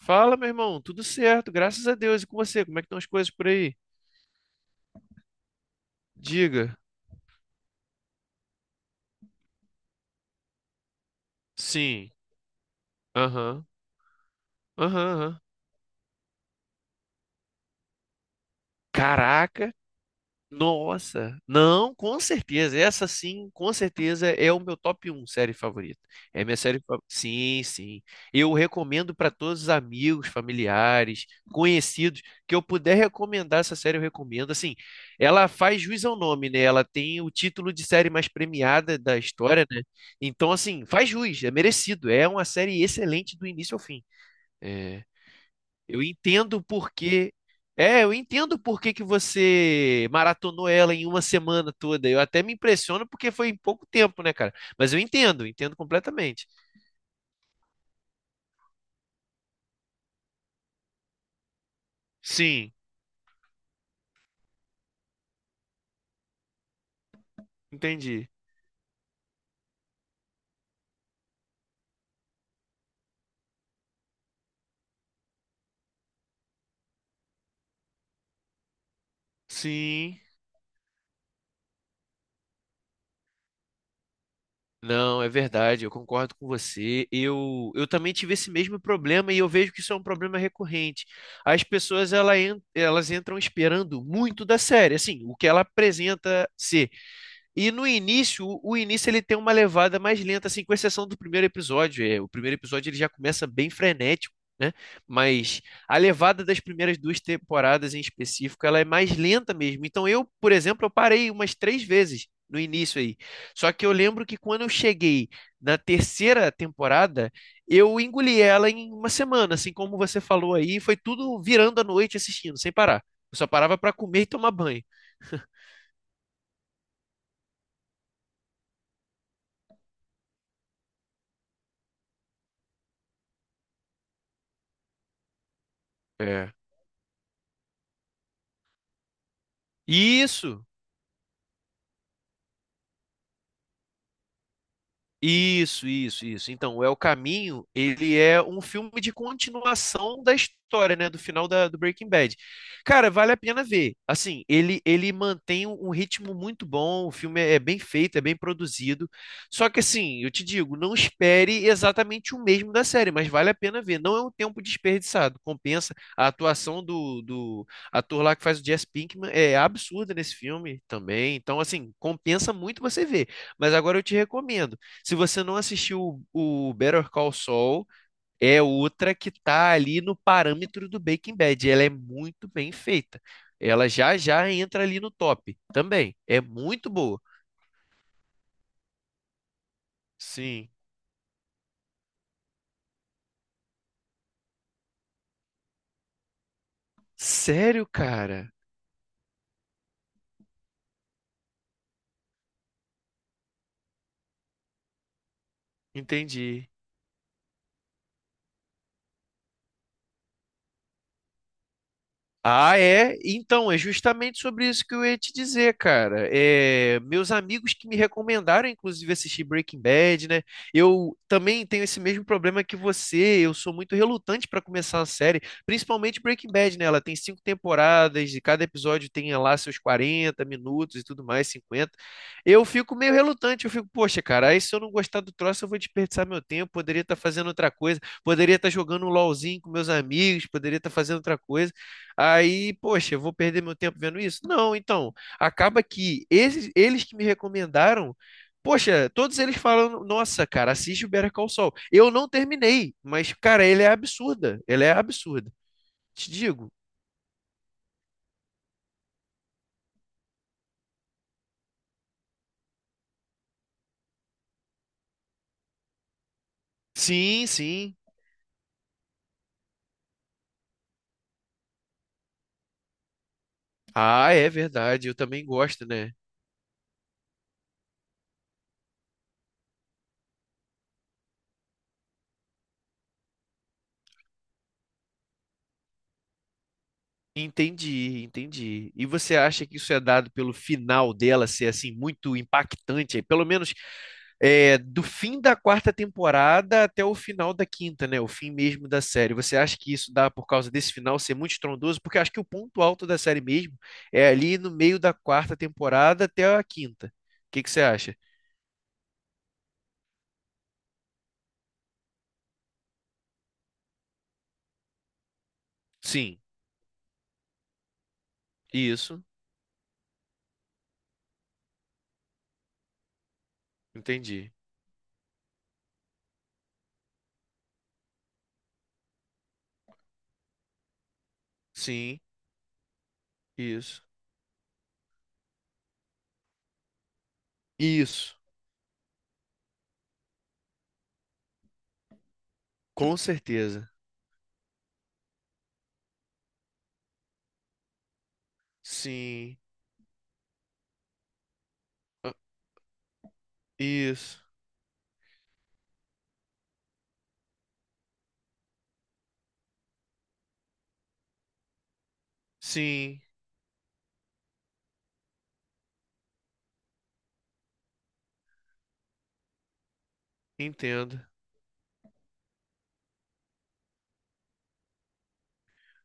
Fala, meu irmão, tudo certo, graças a Deus. E com você, como é que estão as coisas por aí? Diga. Sim. Aham. Aham, aham. Caraca. Nossa, não, com certeza. Essa sim, com certeza é o meu top um série favorita. É minha série favorita. Sim, sim. Eu recomendo para todos os amigos, familiares, conhecidos que eu puder recomendar essa série, eu recomendo. Assim, ela faz jus ao nome, né? Ela tem o título de série mais premiada da história, né? Então, assim, faz jus, é merecido. É uma série excelente do início ao fim. É. Eu entendo porque. É, eu entendo por que que você maratonou ela em uma semana toda. Eu até me impressiono porque foi em pouco tempo, né, cara? Mas eu entendo, entendo completamente. Sim, entendi. Sim. Não, é verdade, eu concordo com você. Eu também tive esse mesmo problema e eu vejo que isso é um problema recorrente. As pessoas elas entram esperando muito da série, assim, o que ela apresenta ser. E no início, o início ele tem uma levada mais lenta, assim, com exceção do primeiro episódio. É, o primeiro episódio ele já começa bem frenético, né? Mas a levada das primeiras duas temporadas em específico, ela é mais lenta mesmo. Então eu, por exemplo, eu parei umas três vezes no início aí. Só que eu lembro que quando eu cheguei na terceira temporada, eu engoli ela em uma semana, assim como você falou aí, foi tudo virando à noite assistindo, sem parar. Eu só parava para comer e tomar banho. É. Isso. Isso, isso, isso. Então, é o Caminho, ele é um filme de continuação da história, né, do final do Breaking Bad. Cara, vale a pena ver. Assim, ele mantém um ritmo muito bom, o filme é bem feito, é bem produzido. Só que assim, eu te digo, não espere exatamente o mesmo da série, mas vale a pena ver. Não é um tempo desperdiçado, compensa. A atuação do ator lá que faz o Jesse Pinkman é absurda nesse filme também. Então, assim, compensa muito você ver. Mas agora eu te recomendo se você não assistiu o Better Call Saul, é outra que tá ali no parâmetro do Breaking Bad. Ela é muito bem feita. Ela já entra ali no top também. É muito boa. Sim. Sério, cara? Entendi. Ah, é? Então, é justamente sobre isso que eu ia te dizer, cara. É, meus amigos que me recomendaram, inclusive, assistir Breaking Bad, né? Eu também tenho esse mesmo problema que você. Eu sou muito relutante para começar a série, principalmente Breaking Bad, né? Ela tem cinco temporadas e cada episódio tem lá seus 40 minutos e tudo mais, 50. Eu fico meio relutante. Eu fico, poxa, cara, aí se eu não gostar do troço, eu vou desperdiçar meu tempo. Poderia estar fazendo outra coisa, poderia estar jogando um LOLzinho com meus amigos, poderia estar fazendo outra coisa. Aí, poxa, eu vou perder meu tempo vendo isso? Não, então, acaba que esses, eles que me recomendaram, poxa, todos eles falam, nossa, cara, assiste o Better Call Saul. Eu não terminei, mas, cara, ele é absurda, ele é absurda. Te digo. Sim, sim. Ah, é verdade, eu também gosto, né? Entendi, entendi. E você acha que isso é dado pelo final dela ser assim muito impactante, pelo menos é, do fim da quarta temporada até o final da quinta, né? O fim mesmo da série. Você acha que isso dá por causa desse final ser muito estrondoso? Porque eu acho que o ponto alto da série mesmo é ali no meio da quarta temporada até a quinta. O que que você acha? Sim, isso, entendi. Sim, isso. Isso, com certeza. Sim, ah, isso. Sim. Entendo.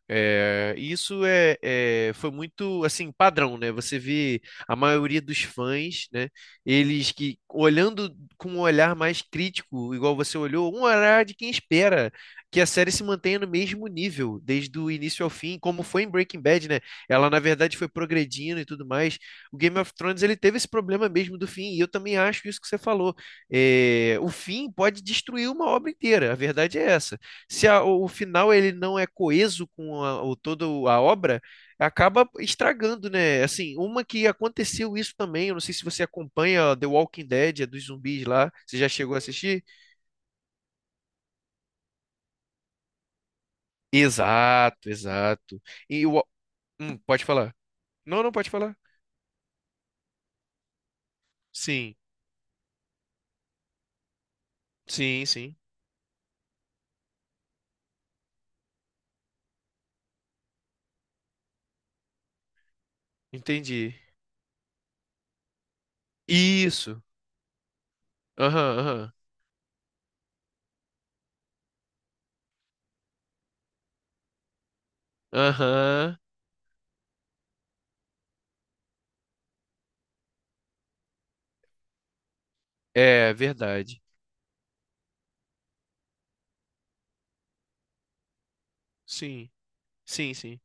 É, isso é, foi muito assim padrão, né? Você vê a maioria dos fãs, né? Eles que olhando com um olhar mais crítico, igual você olhou, um olhar de quem espera que a série se mantenha no mesmo nível desde o início ao fim, como foi em Breaking Bad, né? Ela na verdade foi progredindo e tudo mais. O Game of Thrones ele teve esse problema mesmo do fim, e eu também acho isso que você falou. É, o fim pode destruir uma obra inteira. A verdade é essa. Se o final ele não é coeso com toda a obra, acaba estragando, né? Assim, uma que aconteceu isso também, eu não sei se você acompanha The Walking Dead, é dos zumbis lá, você já chegou a assistir? Exato, exato. E o, pode falar. Não, não pode falar. Sim, sim, sim. Entendi. Isso. Aham, aham. Aham. É verdade. Sim, sim, sim.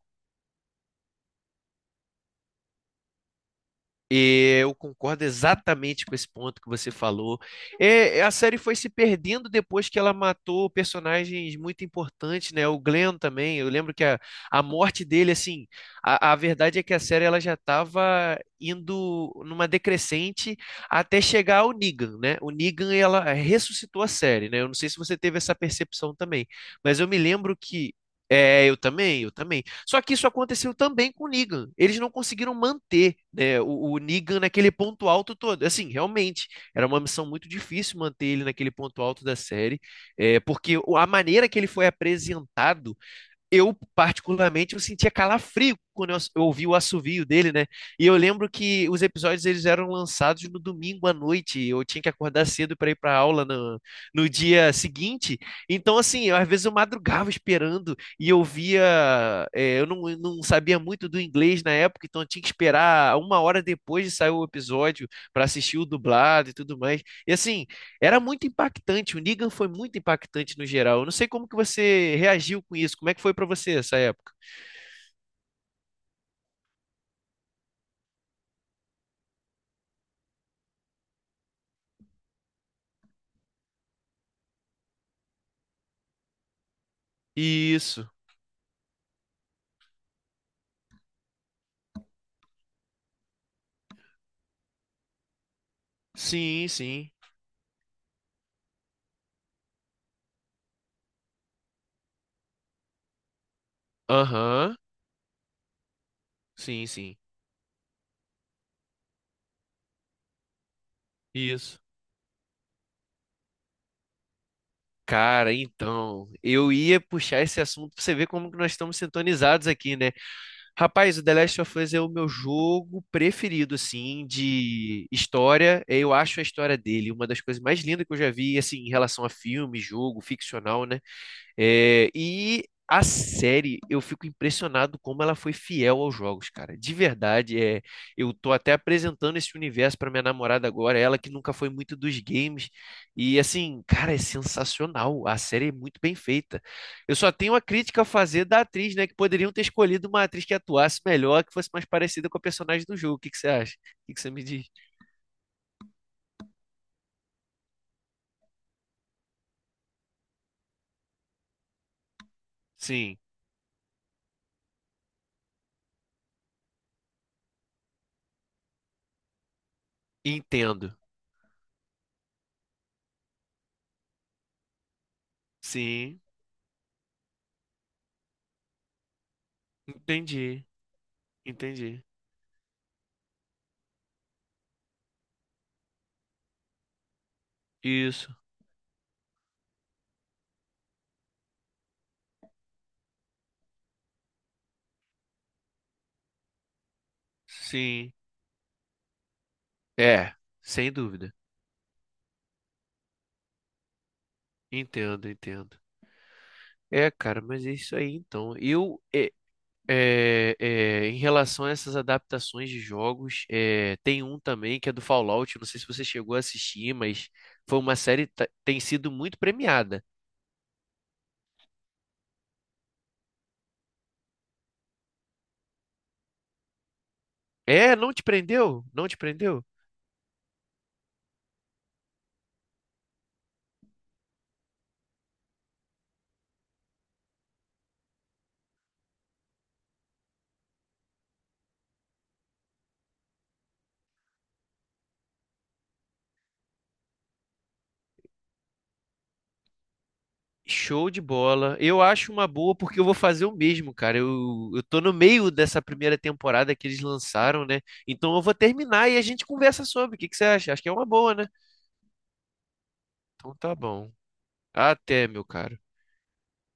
E eu concordo exatamente com esse ponto que você falou. É, é, a série foi se perdendo depois que ela matou personagens muito importantes, né? O Glenn também. Eu lembro que a morte dele, assim, a verdade é que a série ela já estava indo numa decrescente até chegar ao Negan, né? O Negan ela ressuscitou a série, né? Eu não sei se você teve essa percepção também, mas eu me lembro que é, eu também, eu também. Só que isso aconteceu também com o Negan. Eles não conseguiram manter, né, o Negan naquele ponto alto todo. Assim, realmente, era uma missão muito difícil manter ele naquele ponto alto da série, é, porque a maneira que ele foi apresentado eu, particularmente, eu sentia calafrio quando eu ouvi o assovio dele, né? E eu lembro que os episódios eles eram lançados no domingo à noite. Eu tinha que acordar cedo para ir para aula no, no dia seguinte. Então, assim, eu, às vezes eu madrugava esperando e eu via. É, eu não sabia muito do inglês na época, então eu tinha que esperar uma hora depois de sair o episódio para assistir o dublado e tudo mais. E assim. Era muito impactante, o Negan foi muito impactante no geral. Eu não sei como que você reagiu com isso, como é que foi pra você essa época? Isso. Sim, sim. Aham. Sim, sim. Isso. Cara, então, eu ia puxar esse assunto pra você ver como que nós estamos sintonizados aqui, né? Rapaz, o The Last of Us é o meu jogo preferido, assim, de história. Eu acho a história dele uma das coisas mais lindas que eu já vi, assim, em relação a filme, jogo, ficcional, né? É, e a série, eu fico impressionado como ela foi fiel aos jogos, cara. De verdade, é, eu tô até apresentando esse universo para minha namorada agora, ela que nunca foi muito dos games. E assim, cara, é sensacional. A série é muito bem feita. Eu só tenho uma crítica a fazer da atriz, né? Que poderiam ter escolhido uma atriz que atuasse melhor, que fosse mais parecida com a personagem do jogo. O que que você acha? O que que você me diz? Sim, entendo. Sim, entendi. Entendi. Isso. Sim. É, sem dúvida. Entendo, entendo. É, cara, mas é isso aí então. Eu, é, é, é, em relação a essas adaptações de jogos, é, tem um também que é do Fallout. Não sei se você chegou a assistir, mas foi uma série que tem sido muito premiada. É, não te prendeu? Não te prendeu? Show de bola. Eu acho uma boa porque eu vou fazer o mesmo, cara. Eu tô no meio dessa primeira temporada que eles lançaram, né? Então eu vou terminar e a gente conversa sobre. O que que você acha? Acho que é uma boa, né? Então tá bom. Até, meu caro.